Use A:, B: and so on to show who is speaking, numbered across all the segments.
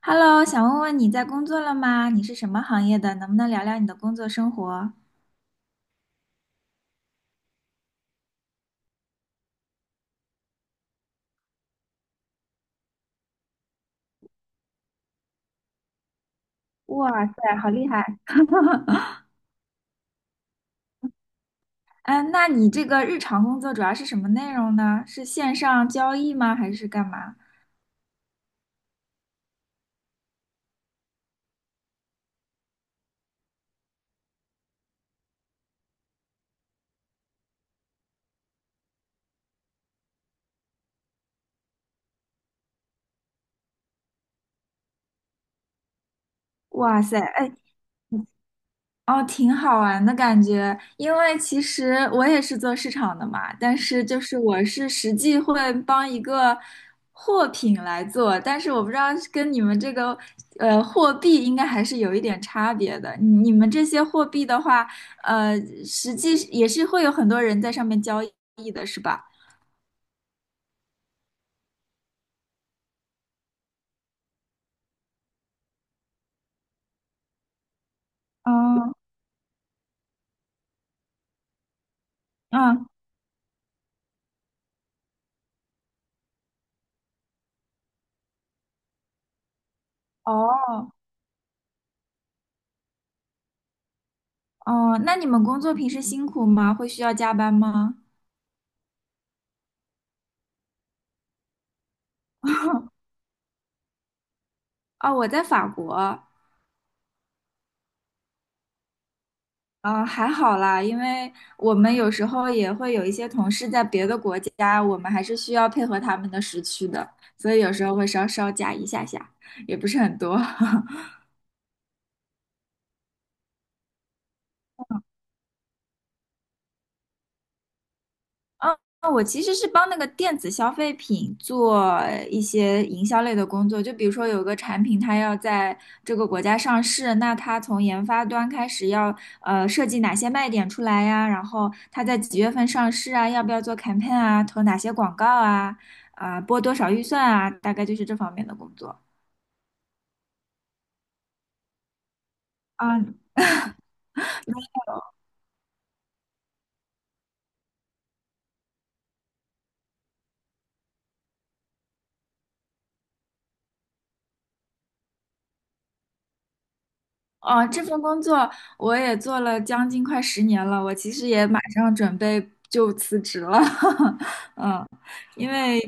A: Hello，想问问你在工作了吗？你是什么行业的？能不能聊聊你的工作生活？哇塞，好厉害！啊，那你这个日常工作主要是什么内容呢？是线上交易吗？还是干嘛？哇塞，哎，哦，挺好玩的感觉，因为其实我也是做市场的嘛，但是就是我是实际会帮一个货品来做，但是我不知道跟你们这个货币应该还是有一点差别的。你们这些货币的话，呃，实际也是会有很多人在上面交易的，是吧？嗯嗯，哦哦，那你们工作平时辛苦吗？会需要加班吗？哦，我在法国。嗯，还好啦，因为我们有时候也会有一些同事在别的国家，我们还是需要配合他们的时区的，所以有时候会稍稍加一下下，也不是很多。嗯，我其实是帮那个电子消费品做一些营销类的工作，就比如说有个产品，它要在这个国家上市，那它从研发端开始要设计哪些卖点出来呀，然后它在几月份上市啊，要不要做 campaign 啊，投哪些广告啊，啊、拨多少预算啊，大概就是这方面的工作。啊，哦，这份工作我也做了将近快10年了，我其实也马上准备就辞职了，嗯。因为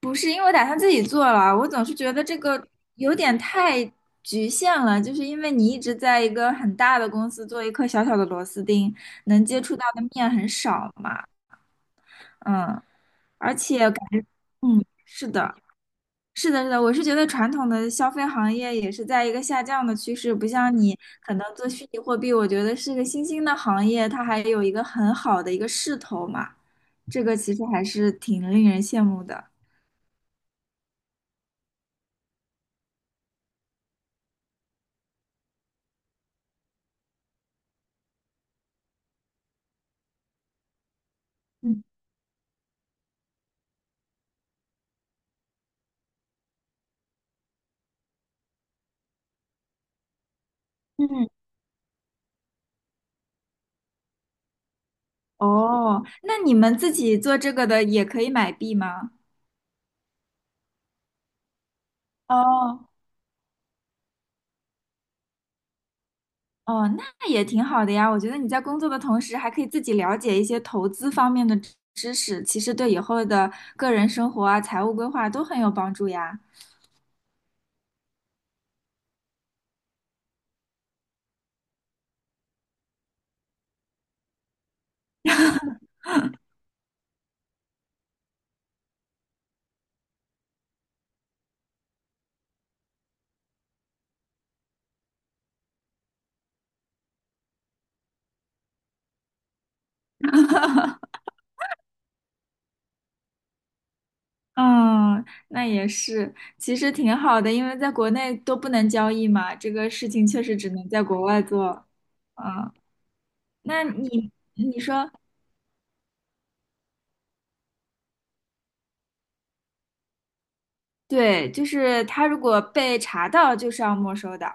A: 不是，因为我打算自己做了，我总是觉得这个有点太局限了，就是因为你一直在一个很大的公司做一颗小小的螺丝钉，能接触到的面很少嘛，嗯，而且感觉，嗯，是的，是的，是的，我是觉得传统的消费行业也是在一个下降的趋势，不像你可能做虚拟货币，我觉得是个新兴的行业，它还有一个很好的一个势头嘛，这个其实还是挺令人羡慕的。嗯嗯哦，那你们自己做这个的也可以买币吗？哦哦，那也挺好的呀。我觉得你在工作的同时，还可以自己了解一些投资方面的知识，其实对以后的个人生活啊、财务规划都很有帮助呀。嗯，那也是，其实挺好的，因为在国内都不能交易嘛，这个事情确实只能在国外做。嗯，那你说，对，就是他如果被查到，就是要没收的。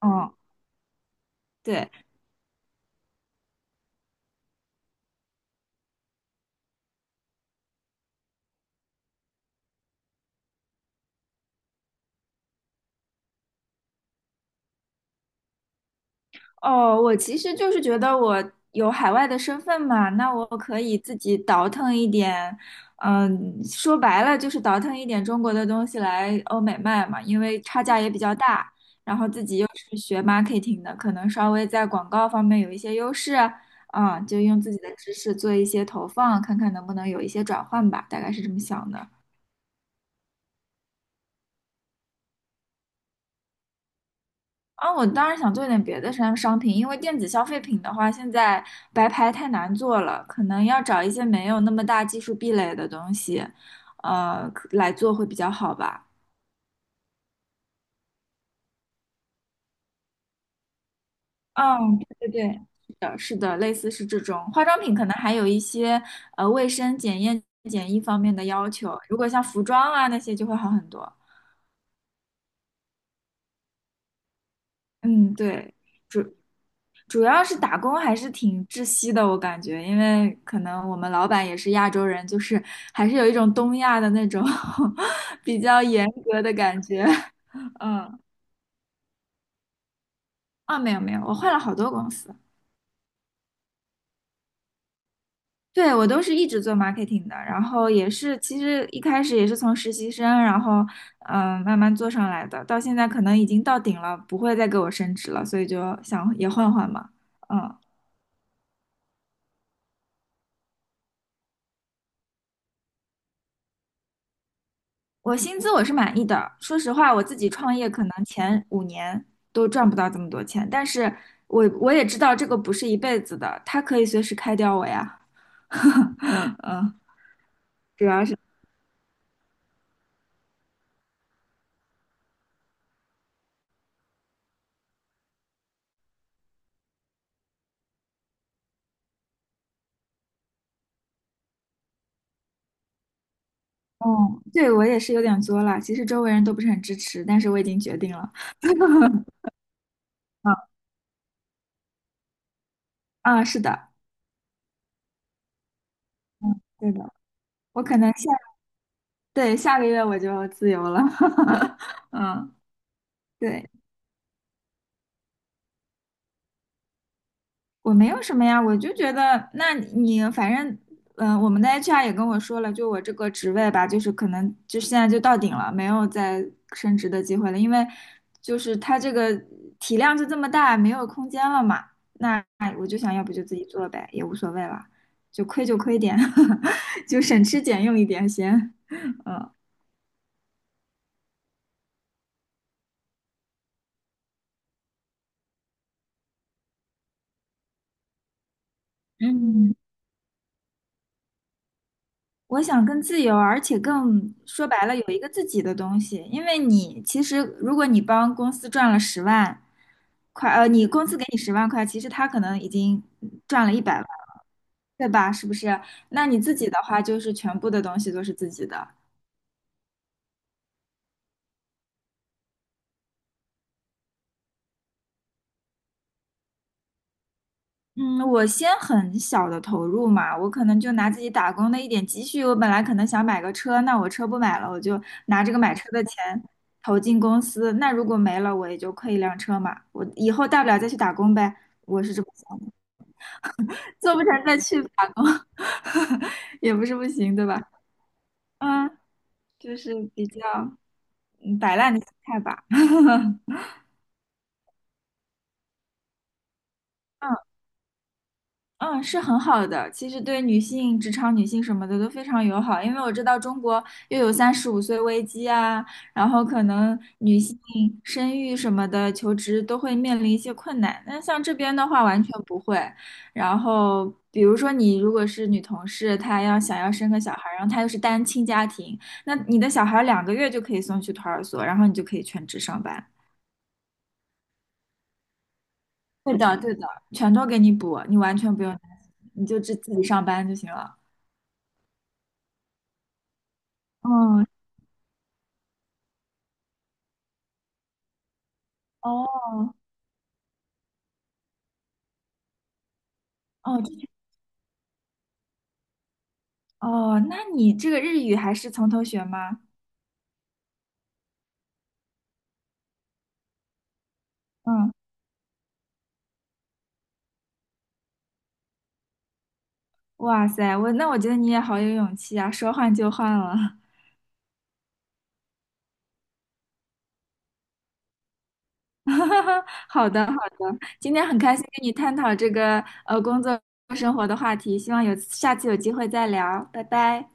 A: 嗯。对。哦，我其实就是觉得我有海外的身份嘛，那我可以自己倒腾一点，嗯，说白了就是倒腾一点中国的东西来欧美卖嘛，因为差价也比较大，然后自己又是学 marketing 的，可能稍微在广告方面有一些优势，啊，就用自己的知识做一些投放，看看能不能有一些转换吧，大概是这么想的。啊，我当然想做点别的商品，因为电子消费品的话，现在白牌太难做了，可能要找一些没有那么大技术壁垒的东西，可来做会比较好吧。嗯，对对对，是的，是的，类似是这种化妆品，可能还有一些卫生检验检疫方面的要求，如果像服装啊那些就会好很多。嗯，对。主要是打工还是挺窒息的，我感觉，因为可能我们老板也是亚洲人，就是还是有一种东亚的那种 比较严格的感觉。嗯，啊，没有没有，我换了好多公司，对，我都是一直做 marketing 的，然后也是其实一开始也是从实习生，然后慢慢做上来的，到现在可能已经到顶了，不会再给我升职了，所以就想也换换嘛。嗯。我薪资我是满意的，说实话，我自己创业可能前5年都赚不到这么多钱，但是我也知道这个不是一辈子的，他可以随时开掉我呀。主要是，嗯，对，我也是有点作了，其实周围人都不是很支持，但是我已经决定了。嗯啊，是的，对的，我可能下，对，下个月我就自由了。嗯，对。我没有什么呀，我就觉得，那你反正，嗯、我们的 HR 也跟我说了，就我这个职位吧，就是可能就现在就到顶了，没有再升职的机会了，因为就是它这个体量就这么大，没有空间了嘛。那我就想要不就自己做呗，也无所谓了，就亏就亏点，就省吃俭用一点先，嗯。嗯，我想更自由，而且更说白了有一个自己的东西。因为你其实，如果你帮公司赚了十万块，呃，你公司给你十万块，其实他可能已经赚了100万，对吧？是不是？那你自己的话，就是全部的东西都是自己的。嗯，我先很小的投入嘛，我可能就拿自己打工的一点积蓄，我本来可能想买个车，那我车不买了，我就拿这个买车的钱投进公司，那如果没了，我也就亏1辆车嘛，我以后大不了再去打工呗，我是这么想的，做不成再去打工，也不是不行，对吧？嗯，就是比较嗯摆烂的心态吧。嗯，是很好的。其实对女性、职场女性什么的都非常友好，因为我知道中国又有35岁危机啊，然后可能女性生育什么的、求职都会面临一些困难。那像这边的话，完全不会。然后，比如说你如果是女同事，她要想要生个小孩儿，然后她又是单亲家庭，那你的小孩儿2个月就可以送去托儿所，然后你就可以全职上班。对的，对的，全都给你补，你完全不用担心，你就自己上班就行了。嗯，哦哦，哦，那你这个日语还是从头学吗？嗯，哇塞，我觉得你也好有勇气啊，说换就换了。好的好的，今天很开心跟你探讨这个工作生活的话题，希望有下次有机会再聊，拜拜。